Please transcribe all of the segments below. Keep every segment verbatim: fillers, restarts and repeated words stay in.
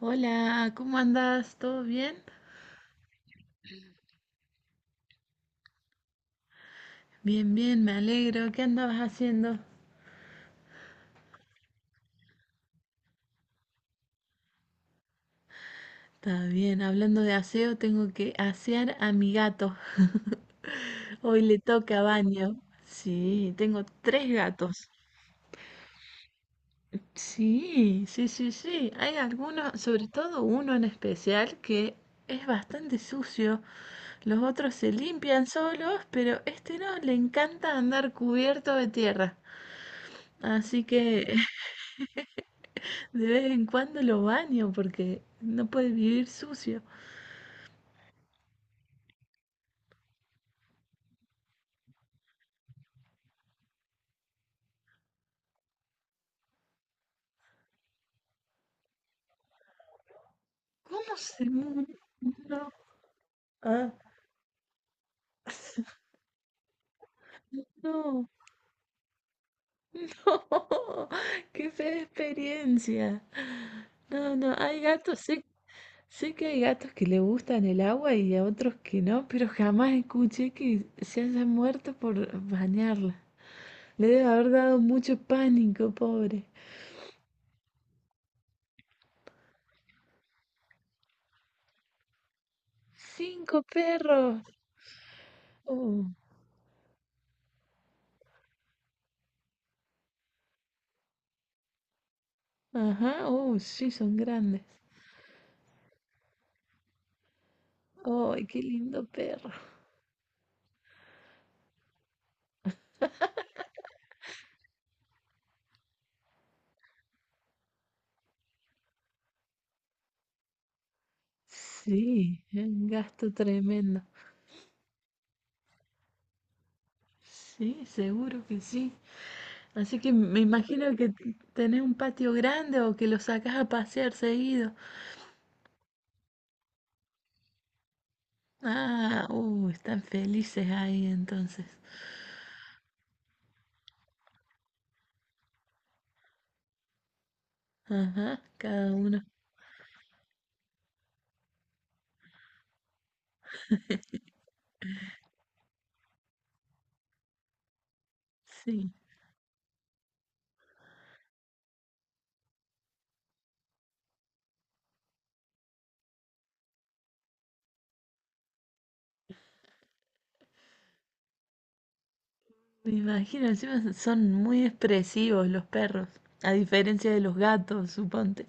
Hola, ¿cómo andás? ¿Todo bien? Bien, bien, me alegro. ¿Qué andabas haciendo? Está bien, hablando de aseo, tengo que asear a mi gato. Hoy le toca baño. Sí, tengo tres gatos. Sí, sí, sí, sí. Hay algunos, sobre todo uno en especial, que es bastante sucio. Los otros se limpian solos, pero este no, le encanta andar cubierto de tierra. Así que de vez en cuando lo baño porque no puede vivir sucio. ¿Cómo? Se- El No. Ah. No. No. Qué fea experiencia. No, no. Hay gatos. Sé, sé que hay gatos que le gustan el agua y a otros que no, pero jamás escuché que se hayan muerto por bañarla. Le debe haber dado mucho pánico, pobre. Cinco perros. Oh. Ajá. Oh, sí, son grandes. ¡Ay, qué lindo perro! Sí, es un gasto tremendo. Sí, seguro que sí. Así que me imagino que t- tenés un patio grande o que lo sacás a pasear seguido. Ah, uh, están felices ahí entonces. Ajá, cada uno. Sí, me imagino, encima son muy expresivos los perros, a diferencia de los gatos, suponte.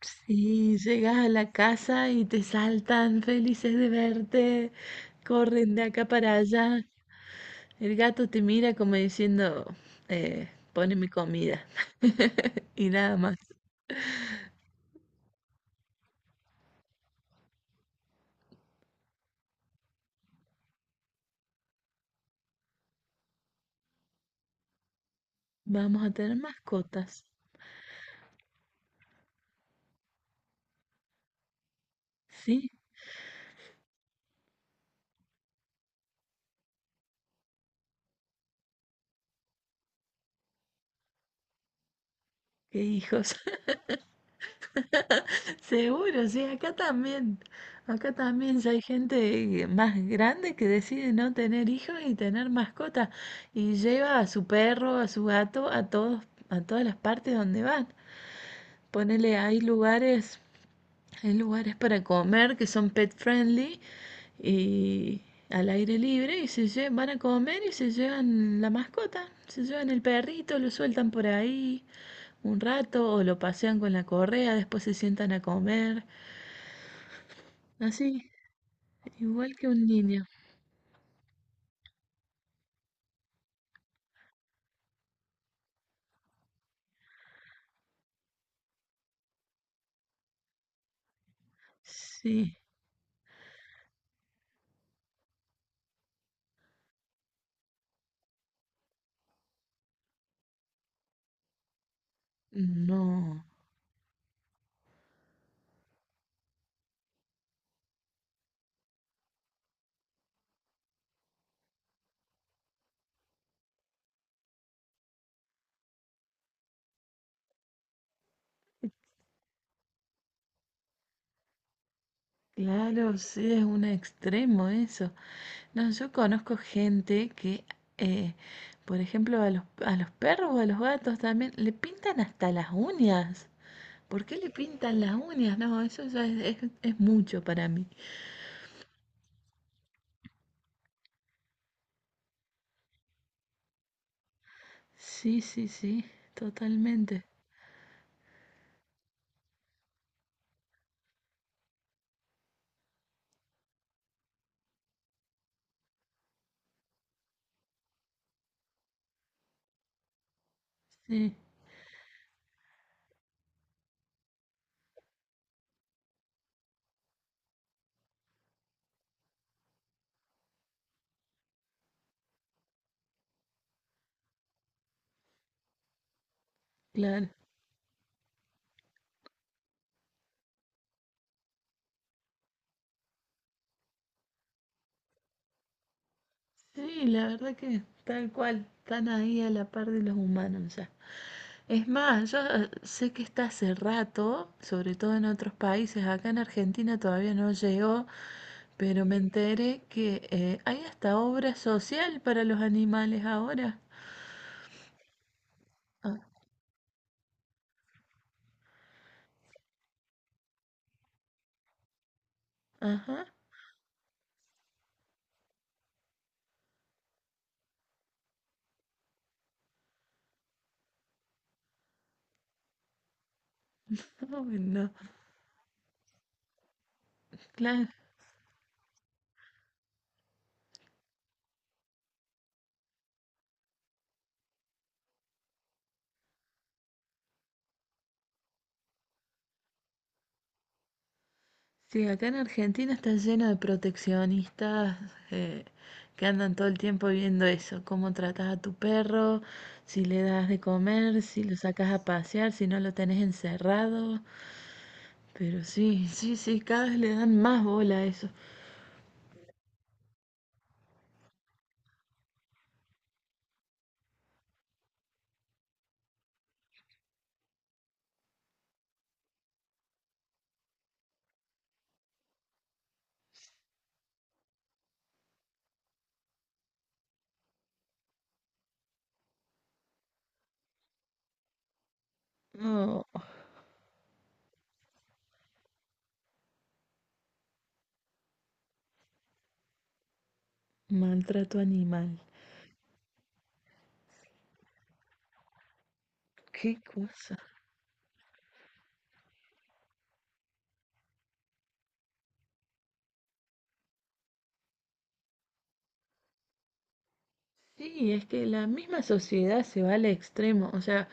Sí, llegas a la casa y te saltan felices de verte, corren de acá para allá. El gato te mira como diciendo, eh, pone mi comida. Y nada más. Vamos a tener mascotas. Sí, qué hijos. Seguro, sí, acá también. Acá también ya hay gente más grande que decide no tener hijos y tener mascotas. Y lleva a su perro, a su gato, a todos, a todas las partes donde van. Ponele, hay lugares, hay lugares para comer que son pet friendly y al aire libre y se lle- van a comer y se llevan la mascota, se llevan el perrito, lo sueltan por ahí un rato o lo pasean con la correa, después se sientan a comer, así, igual que un niño. Sí, no, claro, sí es un extremo eso. No, yo conozco gente que, eh, por ejemplo, a los, a los perros o a los gatos también le pintan hasta las uñas. ¿Por qué le pintan las uñas? No, eso ya es, es, es mucho para mí. Sí, sí, sí, totalmente. Sí, claro. Sí, la verdad que tal cual, están ahí a la par de los humanos ya. Es más, yo eh, sé que está hace rato, sobre todo en otros países, acá en Argentina todavía no llegó, pero me enteré que eh, hay hasta obra social para los animales ahora. Ah, ajá, uy, no. Claro, sí, acá en Argentina está lleno de proteccionistas, eh, que andan todo el tiempo viendo eso, cómo tratas a tu perro, si le das de comer, si lo sacas a pasear, si no lo tenés encerrado. Pero sí, sí, sí, cada vez le dan más bola a eso. No, maltrato animal. Qué cosa. Sí, es que la misma sociedad se va al extremo. O sea,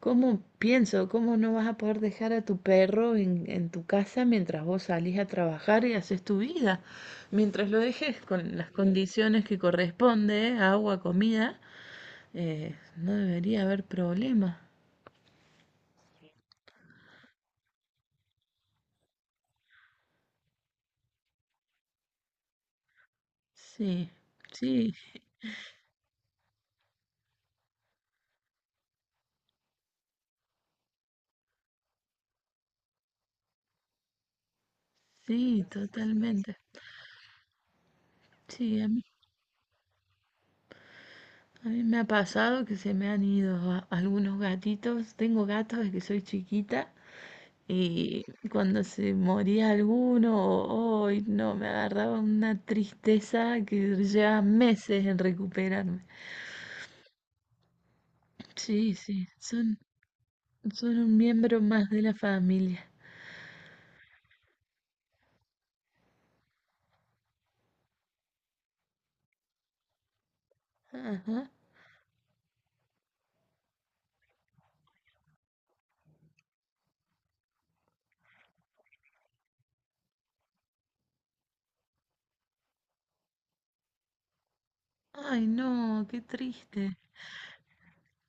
¿cómo pienso? ¿Cómo no vas a poder dejar a tu perro en, en tu casa mientras vos salís a trabajar y haces tu vida? Mientras lo dejes con las condiciones que corresponde, agua, comida, eh, no debería haber problema. Sí, sí, sí, totalmente. Sí, a mí, a mí me ha pasado que se me han ido a- algunos gatitos. Tengo gatos desde que soy chiquita. Y cuando se moría alguno, hoy no, me agarraba una tristeza que lleva meses en recuperarme. Sí, sí, son, son un miembro más de la familia. Ajá. Ay, no, qué triste.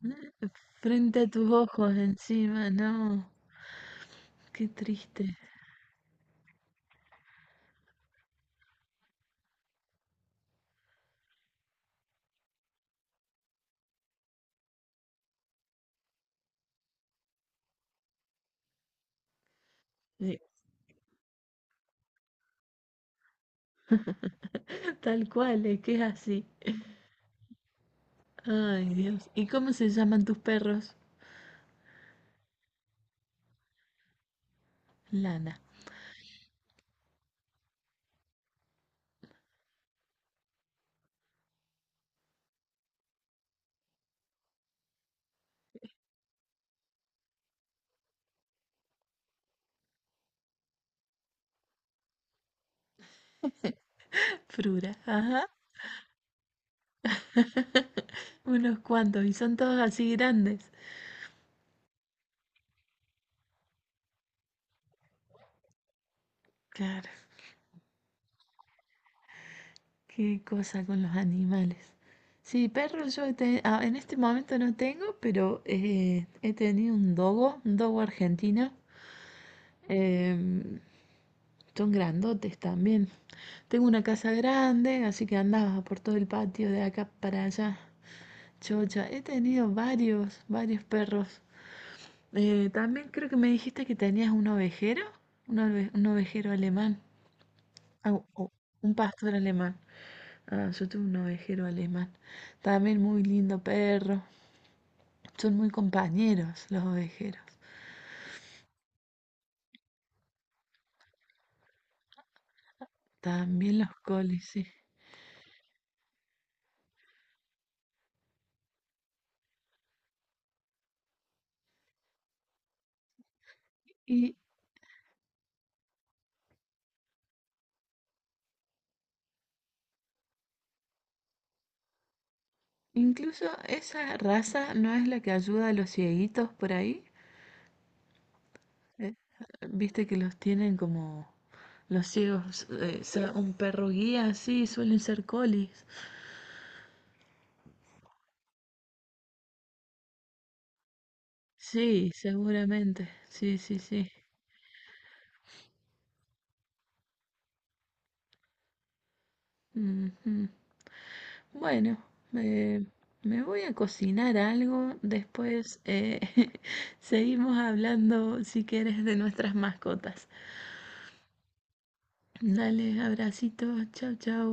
Eh, Frente a tus ojos encima, no, qué triste. Sí, tal cual, es que es así. Ay, Dios. ¿Y cómo se llaman tus perros? Lana, Frura. Ajá. Unos cuantos, y son todos así grandes. Claro, qué cosa con los animales. Sí, perros yo he te- ah, en este momento no tengo, pero eh, he tenido un dogo, un dogo argentino. Em, son grandotes también. Tengo una casa grande, así que andaba por todo el patio de acá para allá. Chocha, he tenido varios, varios perros. Eh, también creo que me dijiste que tenías un ovejero, un ove- un ovejero alemán. Au, au, un pastor alemán. Ah, yo tuve un ovejero alemán. También muy lindo perro. Son muy compañeros los ovejeros. También los colis, sí. Y incluso esa raza no es la que ayuda a los cieguitos por ahí. Eh, Viste que los tienen como los ciegos. Eh, sea un perro guía, sí, suelen ser colis. Sí, seguramente. Sí, sí, sí. Ujú. Bueno, eh, me voy a cocinar algo, después eh, seguimos hablando si quieres de nuestras mascotas. Dale, abracito, chau, chau.